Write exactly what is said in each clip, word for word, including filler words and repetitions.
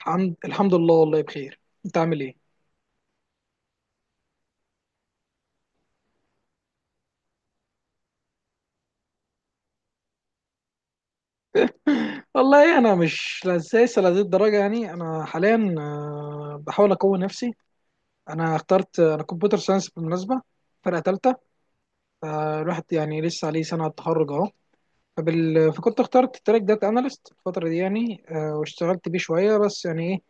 الحمد الحمد لله والله بخير. انت عامل ايه؟ والله انا مش لسه لهذه الدرجه، يعني انا حاليا آه، بحاول اقوي نفسي. انا اخترت انا كمبيوتر ساينس بالمناسبه، فرقه ثالثه. فالواحد يعني لسه عليه سنه على التخرج اهو. فبال... فكنت اخترت تراك داتا اناليست الفتره دي، يعني آه، واشتغلت بيه شويه، بس يعني ايه،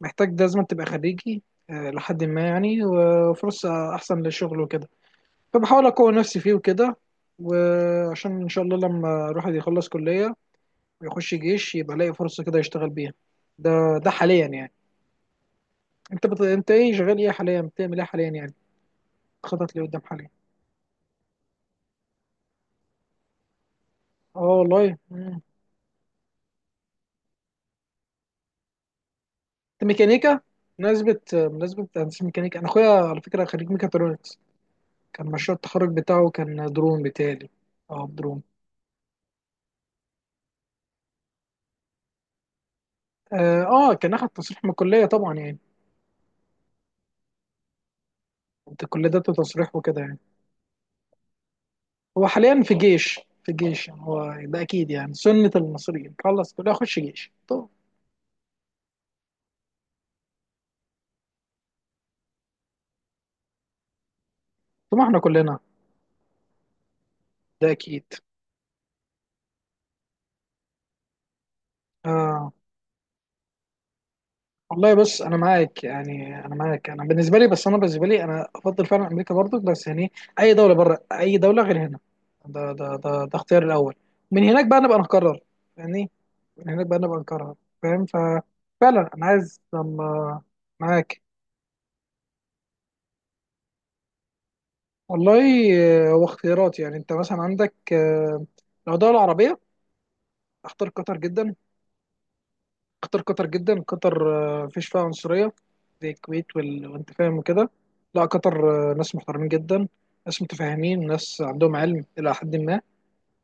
محتاج لازم تبقى خريجي، آه، لحد ما يعني وفرصه احسن للشغل وكده. فبحاول اقوي نفسي فيه وكده، وعشان ان شاء الله لما الواحد يخلص كليه ويخش جيش يبقى لاقي فرصه كده يشتغل بيها. ده ده حاليا يعني. انت بت... انت ايه شغال ايه حاليا، بتعمل ايه حاليا يعني؟ خطط لقدام حاليا. اه والله. مم. انت ميكانيكا؟ مناسبة مناسبة هندسة ميكانيكا. انا اخويا على فكرة خريج ميكاترونكس، كان مشروع التخرج بتاعه كان درون بتاعي. اه درون. اه آه، كان اخد تصريح من الكلية طبعا يعني. انت الكلية ده تصريح وكده يعني. هو حاليا في جيش في جيش يعني. هو ده اكيد يعني سنة المصريين خلص كلها اخش جيش. طب، طب ما احنا كلنا. ده اكيد. آه والله بص انا معاك، يعني انا معاك انا بالنسبه لي، بس انا بالنسبه لي انا افضل فعلا امريكا برضو، بس يعني اي دوله بره، اي دوله غير هنا. ده ده ده, ده اختيار الاول. من هناك بقى نبقى نقرر، يعني من هناك بقى نبقى نقرر. فاهم؟ ففعلا انا عايز لما، معاك والله. آه، هو اختيارات، يعني انت مثلا عندك، آه، لو دوله عربيه اختار قطر جدا. قطر قطر جدا قطر، آه، مفيش فيها عنصرية زي الكويت وال... وانت فاهم وكده. لا قطر آه، ناس محترمين جدا، ناس متفاهمين، ناس عندهم علم إلى حد ما.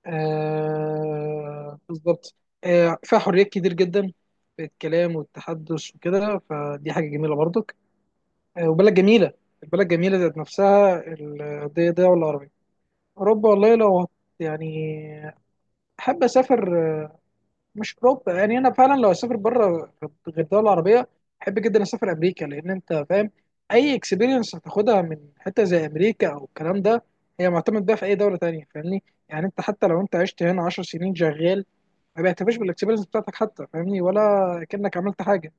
آه... بالظبط. آه... فيها حريات كتير جدا في الكلام والتحدث وكده، فدي حاجة جميلة برضك. آه... وبلد جميلة، البلد جميلة ذات نفسها. ال- دي دولة عربية. أوروبا والله لو هت- يعني أحب أسافر. مش اوروبا، يعني انا فعلا لو اسافر بره غير الدول العربيه احب جدا اسافر امريكا، لان انت فاهم اي اكسبيرينس هتاخدها من حته زي امريكا او الكلام ده هي معتمد بقى في اي دوله تانية. فاهمني يعني؟ انت حتى لو انت عشت هنا عشر سنين شغال، ما بيعترفش بالاكسبيرينس بتاعتك حتى، فاهمني، ولا كانك عملت حاجه.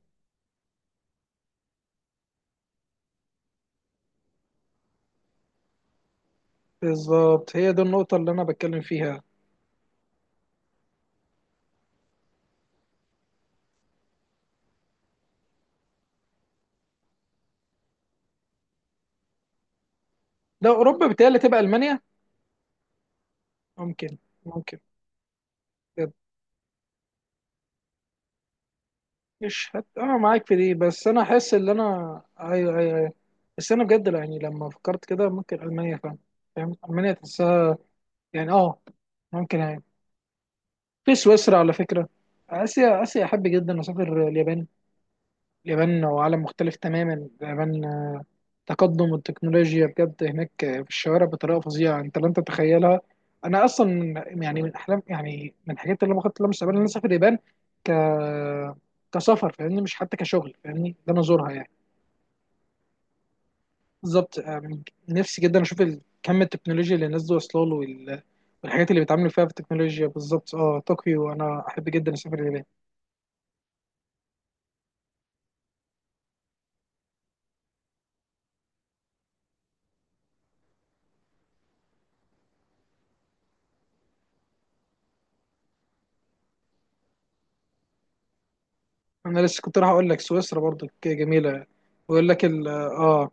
بالظبط، هي دي النقطه اللي انا بتكلم فيها. لو اوروبا بتهيألي تبقى المانيا. ممكن، ممكن. مش هت... اه معاك في دي، بس انا احس ان انا، ايوه ايوه ايوه، بس انا بجد لا، يعني لما فكرت كده ممكن المانيا، فاهم، فاهم، المانيا تحسها يعني، اه ممكن يعني. في سويسرا على فكره. اسيا، اسيا احب جدا اسافر اليابان. اليابان وعالم مختلف تماما اليابان. تقدم التكنولوجيا بجد هناك في الشوارع بطريقه فظيعه، انت لا انت تتخيلها. انا اصلا يعني من احلام، يعني من الحاجات اللي انا خدت لها مستقبلا ان انا اسافر اليابان. ك كسفر فاهمني، مش حتى كشغل فاهمني، ده انا ازورها يعني. بالظبط يعني. نفسي جدا اشوف ال- كم التكنولوجيا اللي الناس دي واصله له وال- والحاجات اللي بيتعاملوا فيها في التكنولوجيا. بالظبط اه طوكيو، انا احب جدا اسافر اليابان. انا لسه كنت راح اقول لك سويسرا برضو ك- جميله. بقول لك ال اه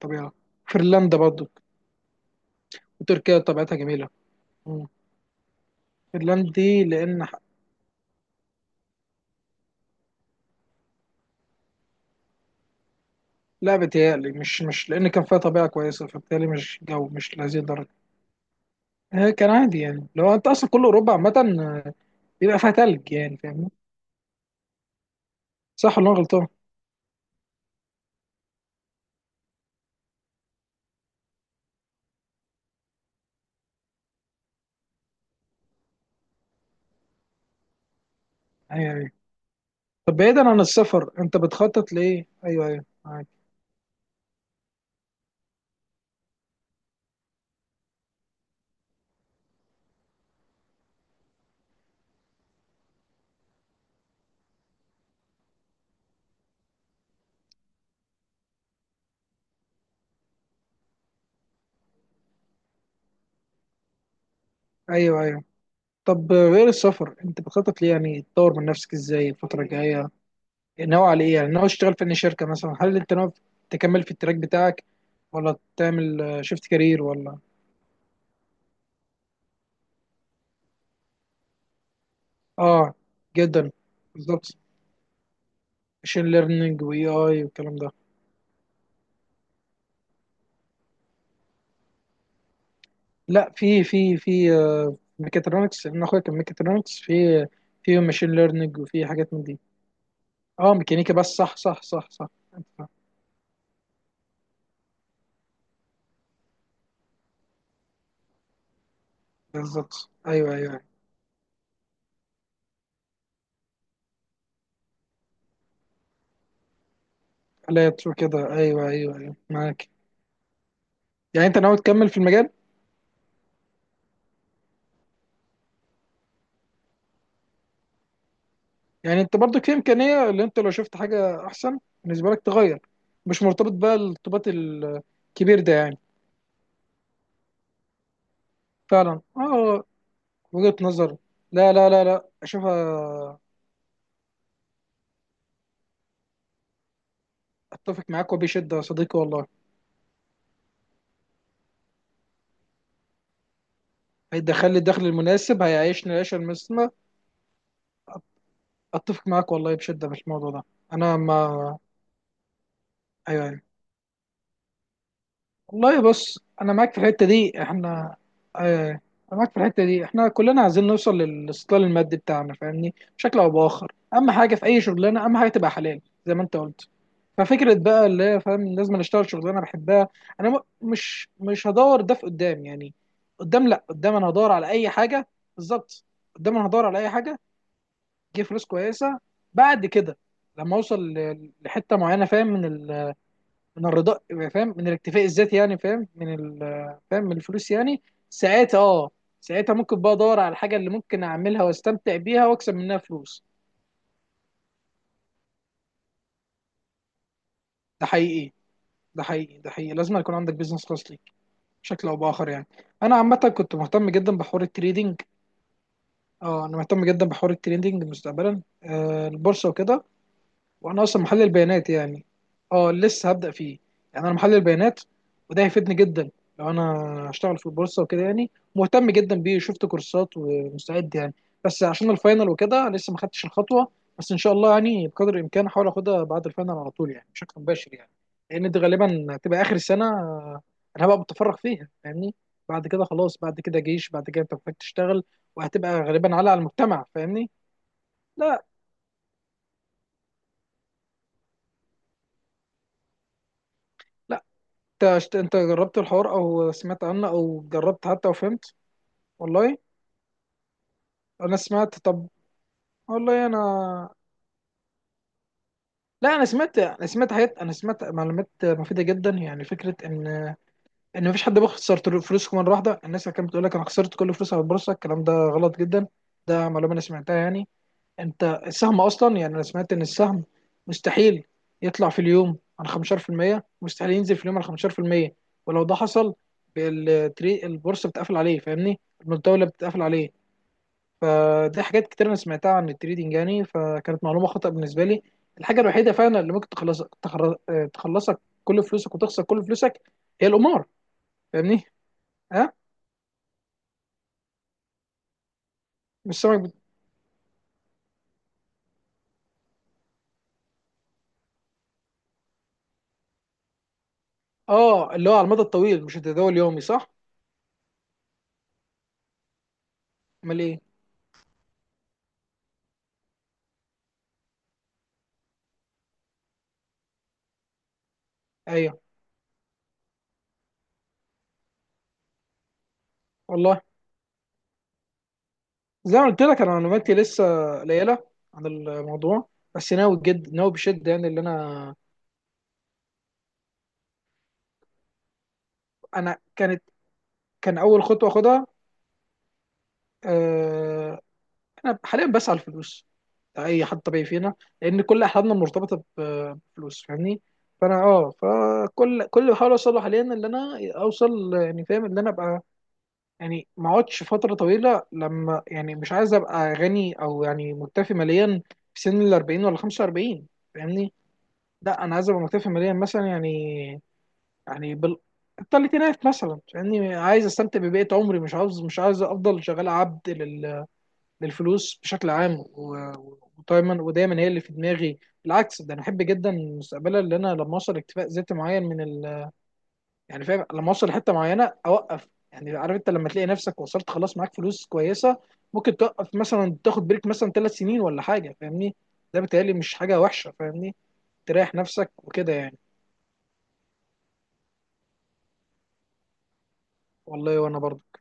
طبيعه. فنلندا برضو وتركيا طبيعتها جميله. مم. فنلندا دي لان ح- لا بتهيألي مش، مش لان كان فيها طبيعه كويسه فبالتالي مش جو مش لهذه الدرجه. آه، كان عادي، يعني لو انت اصلا كل اوروبا عامه، آه، بيبقى فيها تلج يعني فاهمني. صح ولا أنا غلطان؟ يعني. طب بعيدا عن السفر انت بتخطط لايه؟ ايوه ايوه معاك، ايوه ايوه. طب غير السفر انت بتخطط ليه؟ يعني تطور من نفسك ازاي الفتره الجايه؟ ناوي على ايه؟ يعني ناوي تشتغل في أي شركه مثلا؟ هل انت ناوي تكمل في التراك بتاعك ولا تعمل شيفت كارير ولا؟ اه، جدا، بالظبط. ماشين ليرنينج واي اي والكلام ده؟ لا، في في في آه، ميكاترونكس، انا اخويا كان ميكاترونكس، في في ماشين ليرنينج، وفي حاجات من دي. اه ميكانيكا بس، صح صح صح صح. بالظبط ايوه ايوه أيوة. لا ترو كده، ايوه ايوه ايوه معاك. يعني انت ناوي تكمل في المجال؟ يعني انت برضك في امكانيه اللي انت لو شفت حاجه احسن بالنسبه لك تغير، مش مرتبط بقى الارتباط الكبير ده يعني. فعلا اه، وجهه نظر. لا لا لا لا اشوفها. اتفق معاك وبشده يا صديقي والله. هيدخل لي الدخل المناسب، هيعيشني العيشه المسلمه. اتفق معاك والله بشده في الموضوع ده. انا ما ايوه أيوة. والله بص انا معاك في الحته دي احنا، آه، انا معاك في الحته دي. احنا كلنا عايزين نوصل للاستقلال المادي بتاعنا، فاهمني؟ بشكل او باخر اهم حاجه في اي شغلانه اهم حاجه تبقى حلال زي ما انت قلت. ففكره بقى اللي هي فاهم لازم أنا اشتغل شغلانه بحبها، انا م- مش مش هدور ده في قدام يعني. قدام لا، قدام انا هدور على اي حاجه، بالظبط، قدام انا هدور على اي حاجه تجيب فلوس كويسه. بعد كده لما اوصل ل- لحته معينه، فاهم، من من الرضا، فاهم من الاكتفاء الذاتي، يعني فاهم من ال... فاهم من الفلوس يعني. ساعتها اه، ساعتها ممكن بقى ادور على الحاجه اللي ممكن اعملها واستمتع بيها واكسب منها فلوس. ده حقيقي ده حقيقي ده حقيقي، لازم يكون عندك بيزنس خاص ليك بشكل او باخر يعني. انا عامه كنت مهتم جدا بحوار التريدينج. اه انا مهتم جدا بحوار التريدينج مستقبلا، آه البورصه وكده. وانا اصلا محلل بيانات يعني. اه لسه هبدأ فيه. يعني انا محلل بيانات وده هيفيدني جدا لو انا هشتغل في البورصة وكده، يعني مهتم جدا بيه، شفت كورسات ومستعد يعني، بس عشان الفاينل وكده لسه ما خدتش الخطوة. بس ان شاء الله يعني بقدر الامكان هحاول اخدها بعد الفاينل على طول يعني بشكل مباشر يعني، لان دي غالبا هتبقى اخر سنة آه، انا هبقى متفرغ فيها فاهمني. بعد كده خلاص، بعد كده جيش، بعد كده انت محتاج تشتغل، وهتبقى غالبا على على المجتمع فاهمني. لا انت شت- انت جربت الحوار او سمعت عنه او جربت حتى وفهمت؟ والله انا سمعت. طب والله انا، لا انا سمعت، انا سمعت حاجات، انا سمعت معلومات مفيده جدا، يعني فكره ان ان مفيش حد بيخسر طول- فلوسه مره واحده. الناس اللي كانت بتقول لك انا خسرت كل فلوسي على البورصه، الكلام ده غلط جدا، ده معلومه انا سمعتها يعني. انت السهم اصلا، يعني انا سمعت ان السهم مستحيل يطلع في اليوم عن خمسة عشر في المية، مستحيل ينزل في اليوم عن خمسة عشر في المية، ولو ده حصل التري- البورصه بتقفل عليه فاهمني، الدوله بتقفل عليه. فدي حاجات كتير انا سمعتها عن التريدينج، يعني فكانت معلومه خطا بالنسبه لي. الحاجه الوحيده فعلا اللي ممكن تخلصك تخر- آه، تخلصك كل فلوسك وتخسر كل فلوسك هي القمار، فاهمني؟ ها، مش سامعك بت- اه اللي هو على المدى الطويل مش التداول اليومي صح؟ امال ايه؟ ايوه. والله زي ما قلت لك انا معلوماتي لسه قليله عن الموضوع، بس ناوي، جد ناوي بشده يعني. اللي انا، انا كانت كان اول خطوه اخدها آه، انا حاليا بسعى الفلوس. اي حد طبيعي فينا، لان كل احلامنا مرتبطه ب- بفلوس فاهمني. فانا اه فكل كل اللي بحاول اوصل له حاليا، اللي انا اوصل يعني فاهم اللي انا ابقى، يعني ما اقعدش فتره طويله لما، يعني مش عايز ابقى غني، او يعني مكتفي ماليا في سن ال اربعين ولا خمسة واربعين فاهمني. لا انا عايز ابقى مكتفي ماليا مثلا يعني، يعني بال الثلاثينات مثلا، يعني عايز استمتع ببقيه عمري، مش عاوز مش عايز افضل شغال عبد لل... للفلوس بشكل عام و... و- ودايما ودايما هي اللي في دماغي. بالعكس ده انا احب جدا مستقبلا اللي انا لما اوصل اكتفاء ذاتي معين من ال... يعني فاهم لما اوصل لحته معينه اوقف، يعني عارف انت لما تلاقي نفسك وصلت خلاص معاك فلوس كويسه ممكن توقف مثلا، تاخد بريك مثلا ثلاث سنين ولا حاجه فاهمني. ده بيتهيألي مش حاجه وحشه فاهمني، تريح نفسك وكده يعني. والله وانا برضه.